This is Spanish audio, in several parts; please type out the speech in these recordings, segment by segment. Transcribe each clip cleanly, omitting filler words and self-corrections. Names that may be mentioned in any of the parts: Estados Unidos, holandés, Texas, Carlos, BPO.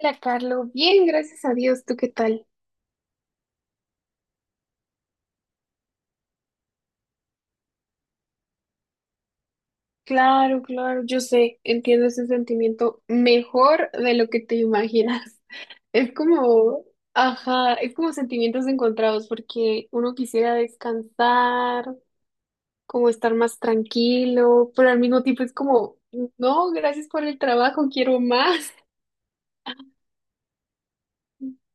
Hola, Carlos. Bien, gracias a Dios. ¿Tú qué tal? Claro, claro, yo sé, entiendo ese sentimiento mejor de lo que te imaginas. Es como, ajá, es como sentimientos encontrados porque uno quisiera descansar, como estar más tranquilo, pero al mismo tiempo es como, no, gracias por el trabajo, quiero más.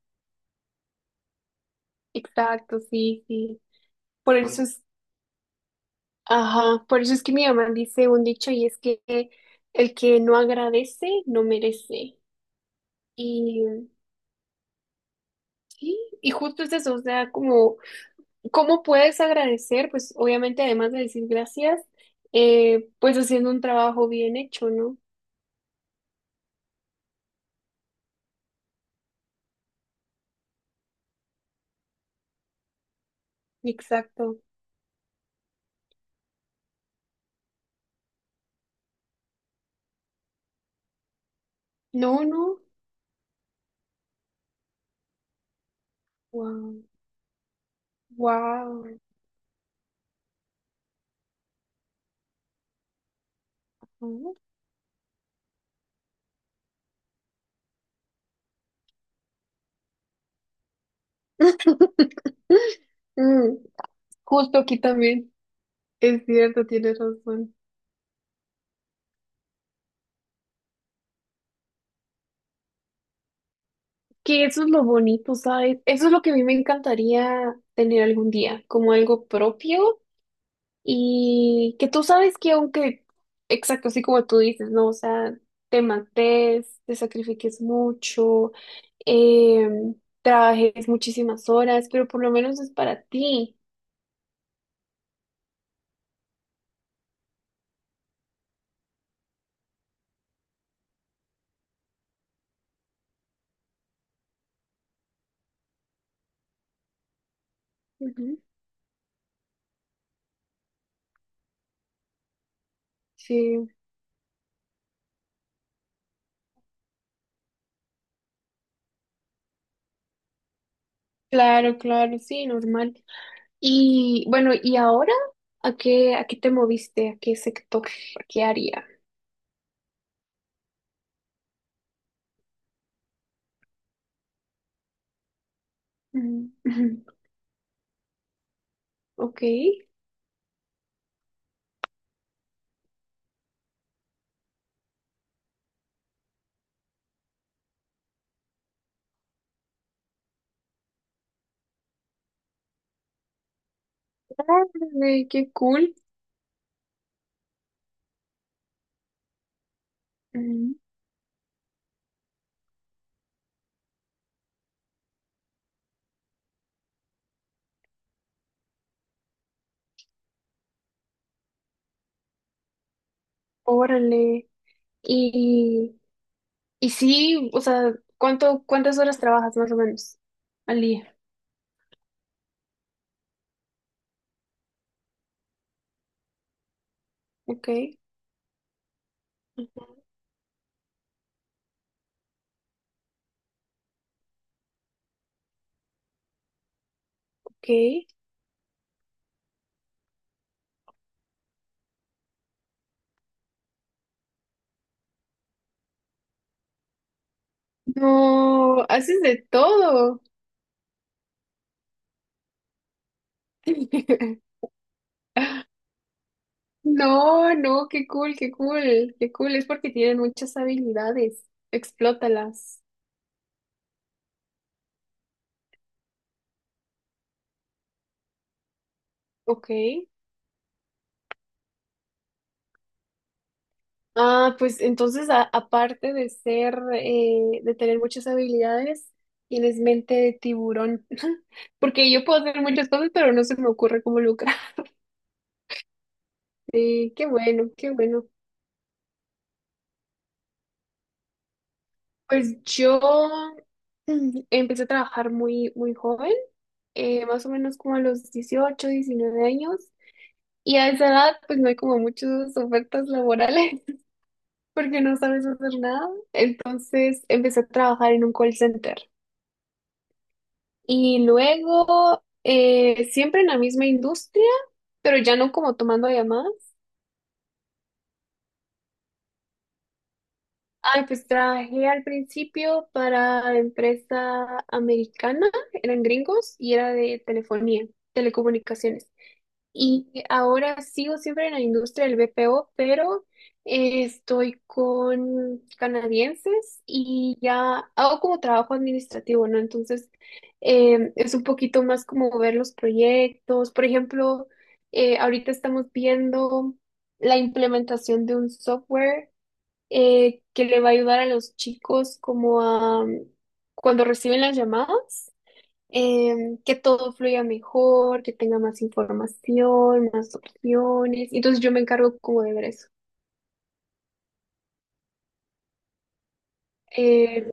Exacto, sí, sí. Por eso es, ajá, por eso es que mi mamá dice un dicho y es que el que no agradece no merece. Y, sí, y justo es eso, o sea, como, ¿cómo puedes agradecer? Pues obviamente, además de decir gracias, pues haciendo un trabajo bien hecho, ¿no? Exacto. No, no, wow, wow. ¿no? Mm, justo aquí también, es cierto, tienes razón. Que eso es lo bonito, ¿sabes? Eso es lo que a mí me encantaría tener algún día, como algo propio. Y que tú sabes que aunque, exacto, así como tú dices, ¿no? O sea, te mates, te sacrifiques mucho, em, trabajes muchísimas horas, pero por lo menos es para ti. Ujú. Sí, claro, claro, sí, normal. Y bueno, ¿y ahora a qué te moviste? ¿A qué sector? ¿A qué área? Mm, ujú. Ok, órale, qué cool. Mm, órale. Y Y sí, o sea, ¿cuántas horas trabajas más o menos al día? Ok, ujú, ok. No, haces de todo. No, no, qué cool, qué cool, qué cool. Es porque tienen muchas habilidades. Explótalas. Ok, ah, pues entonces, aparte de ser, de tener muchas habilidades, tienes mente de tiburón. Porque yo puedo hacer muchas cosas, pero no se me ocurre cómo lucrar. Sí, qué bueno, qué bueno. Pues yo empecé a trabajar muy, muy joven, más o menos como a los 18, 19 años. Y a esa edad, pues no hay como muchas ofertas laborales porque no sabes hacer nada. Entonces empecé a trabajar en un call center. Y luego, siempre en la misma industria, pero ya no como tomando llamadas. Ay, pues trabajé al principio para empresa americana, eran gringos y era de telefonía, telecomunicaciones. Y ahora sigo siempre en la industria del BPO, pero estoy con canadienses y ya hago como trabajo administrativo, ¿no? Entonces es un poquito más como ver los proyectos. Por ejemplo, ahorita estamos viendo la implementación de un software que le va a ayudar a los chicos como a mm, cuando reciben las llamadas, que todo fluya mejor, que tenga más información, más opciones. Entonces yo me encargo como de ver eso. Eh,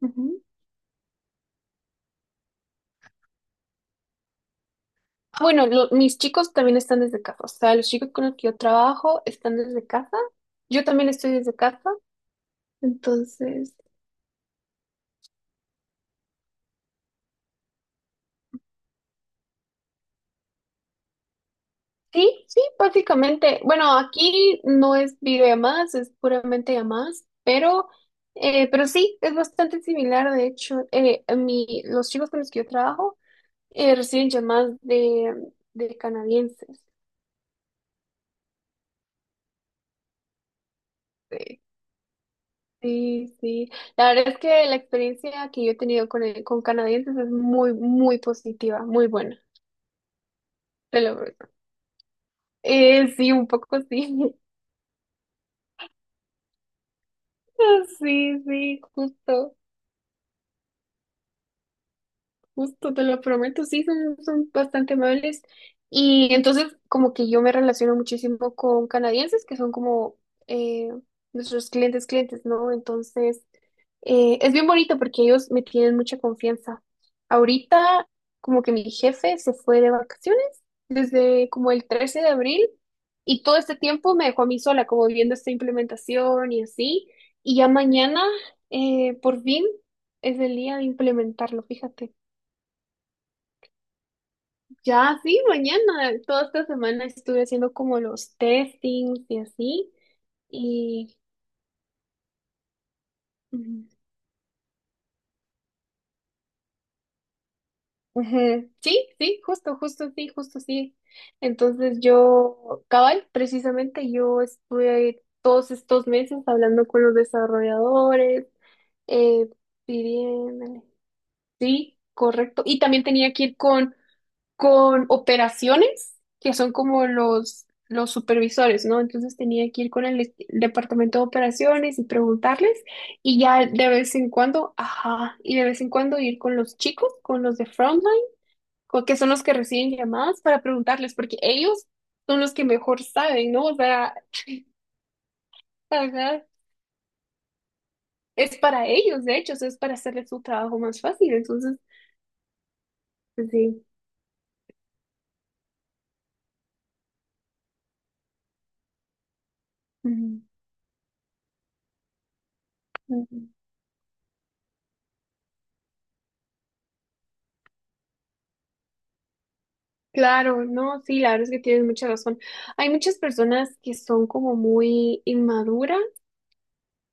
ujú. Bueno, mis chicos también están desde casa, o sea, los chicos con los que yo trabajo están desde casa, yo también estoy desde casa, entonces. Sí, sí, básicamente. Bueno, aquí no es videollamadas, es puramente llamadas, pero sí, es bastante similar. De hecho, a mi, los chicos con los que yo trabajo reciben llamadas de canadienses. Sí, sí, sí. La verdad es que la experiencia que yo he tenido con, con canadienses es muy, muy positiva, muy buena. Te lo prometo. Sí, un poco sí. Sí, sí, justo. Justo, te lo prometo, sí, son, son bastante amables. Y entonces, como que yo me relaciono muchísimo con canadienses, que son como eh, nuestros clientes, ¿no? Entonces, es bien bonito porque ellos me tienen mucha confianza. Ahorita, como que mi jefe se fue de vacaciones desde como el 13 de abril y todo este tiempo me dejó a mí sola, como viendo esta implementación y así. Y ya mañana, por fin, es el día de implementarlo, fíjate. Ya, sí, mañana. Toda esta semana estuve haciendo como los testings y así. Y ujú, ujú, sí, sí, justo, justo, sí, justo, sí. Entonces yo, cabal, precisamente yo estuve todos estos meses hablando con los desarrolladores, eh, pidiéndole. Sí, correcto. Y también tenía que ir con operaciones, que son como los supervisores, ¿no? Entonces tenía que ir con el departamento de operaciones y preguntarles y ya de vez en cuando, ajá, y de vez en cuando ir con los chicos, con los de frontline, que son los que reciben llamadas para preguntarles, porque ellos son los que mejor saben, ¿no? O sea, ajá, es para ellos, de hecho, o sea, es para hacerles su trabajo más fácil, entonces, pues, sí. Ujú. Ujú. Claro, no, sí, la verdad es que tienes mucha razón. Hay muchas personas que son como muy inmaduras,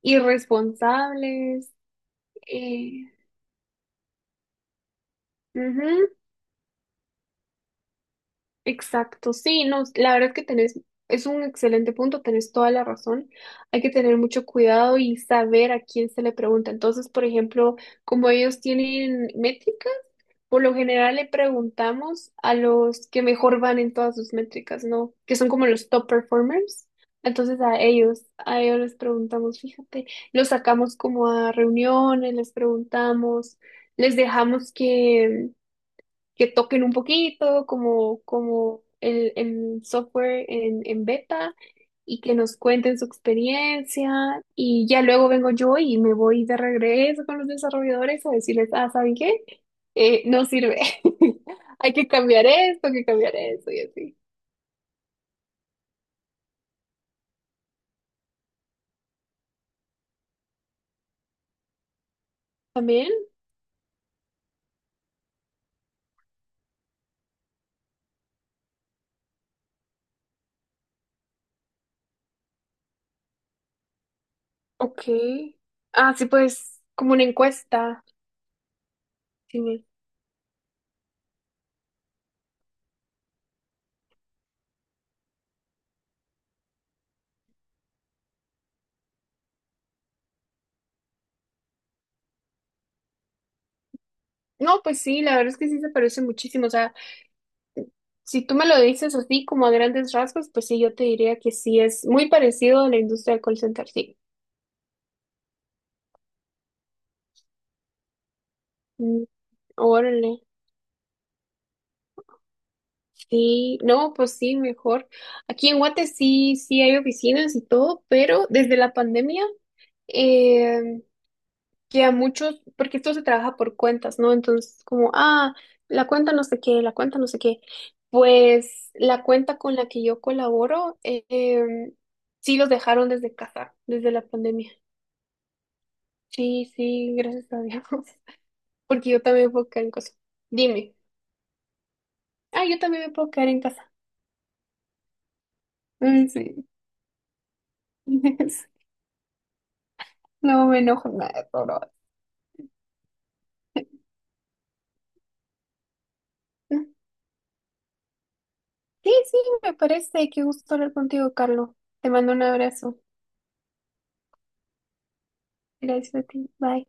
irresponsables, eh, ujú, exacto, sí, no, la verdad es que tenés, es un excelente punto, tenés toda la razón. Hay que tener mucho cuidado y saber a quién se le pregunta. Entonces, por ejemplo, como ellos tienen métricas, por lo general le preguntamos a los que mejor van en todas sus métricas, ¿no? Que son como los top performers. Entonces a ellos les preguntamos, fíjate, los sacamos como a reuniones, les preguntamos, les dejamos que toquen un poquito, como, como el software en beta, y que nos cuenten su experiencia. Y ya luego vengo yo y me voy de regreso con los desarrolladores a decirles, ah, ¿saben qué? No sirve. Hay que cambiar esto, hay que cambiar eso y así. También, ok. Ah, sí, pues, como una encuesta. Sí. No, pues sí, la verdad es que sí se parece muchísimo. O sea, si tú me lo dices así, como a grandes rasgos, pues sí, yo te diría que sí, es muy parecido a la industria del call center, sí. Mm, órale, sí, no, pues sí, mejor. Aquí en Guate sí, sí hay oficinas y todo, pero desde la pandemia, eh, que a muchos, porque esto se trabaja por cuentas, ¿no? Entonces, como, ah, la cuenta no sé qué, la cuenta no sé qué. Pues la cuenta con la que yo colaboro, sí los dejaron desde casa, desde la pandemia. Sí, sí, gracias a Dios. Porque yo también me puedo quedar en casa. Dime. Ah, yo también me puedo quedar en casa. Mm, sí. No me enojo nada, por ahora. Sí, sí, me parece. Qué gusto hablar contigo, Carlos. Te mando un abrazo. Gracias a ti. Bye.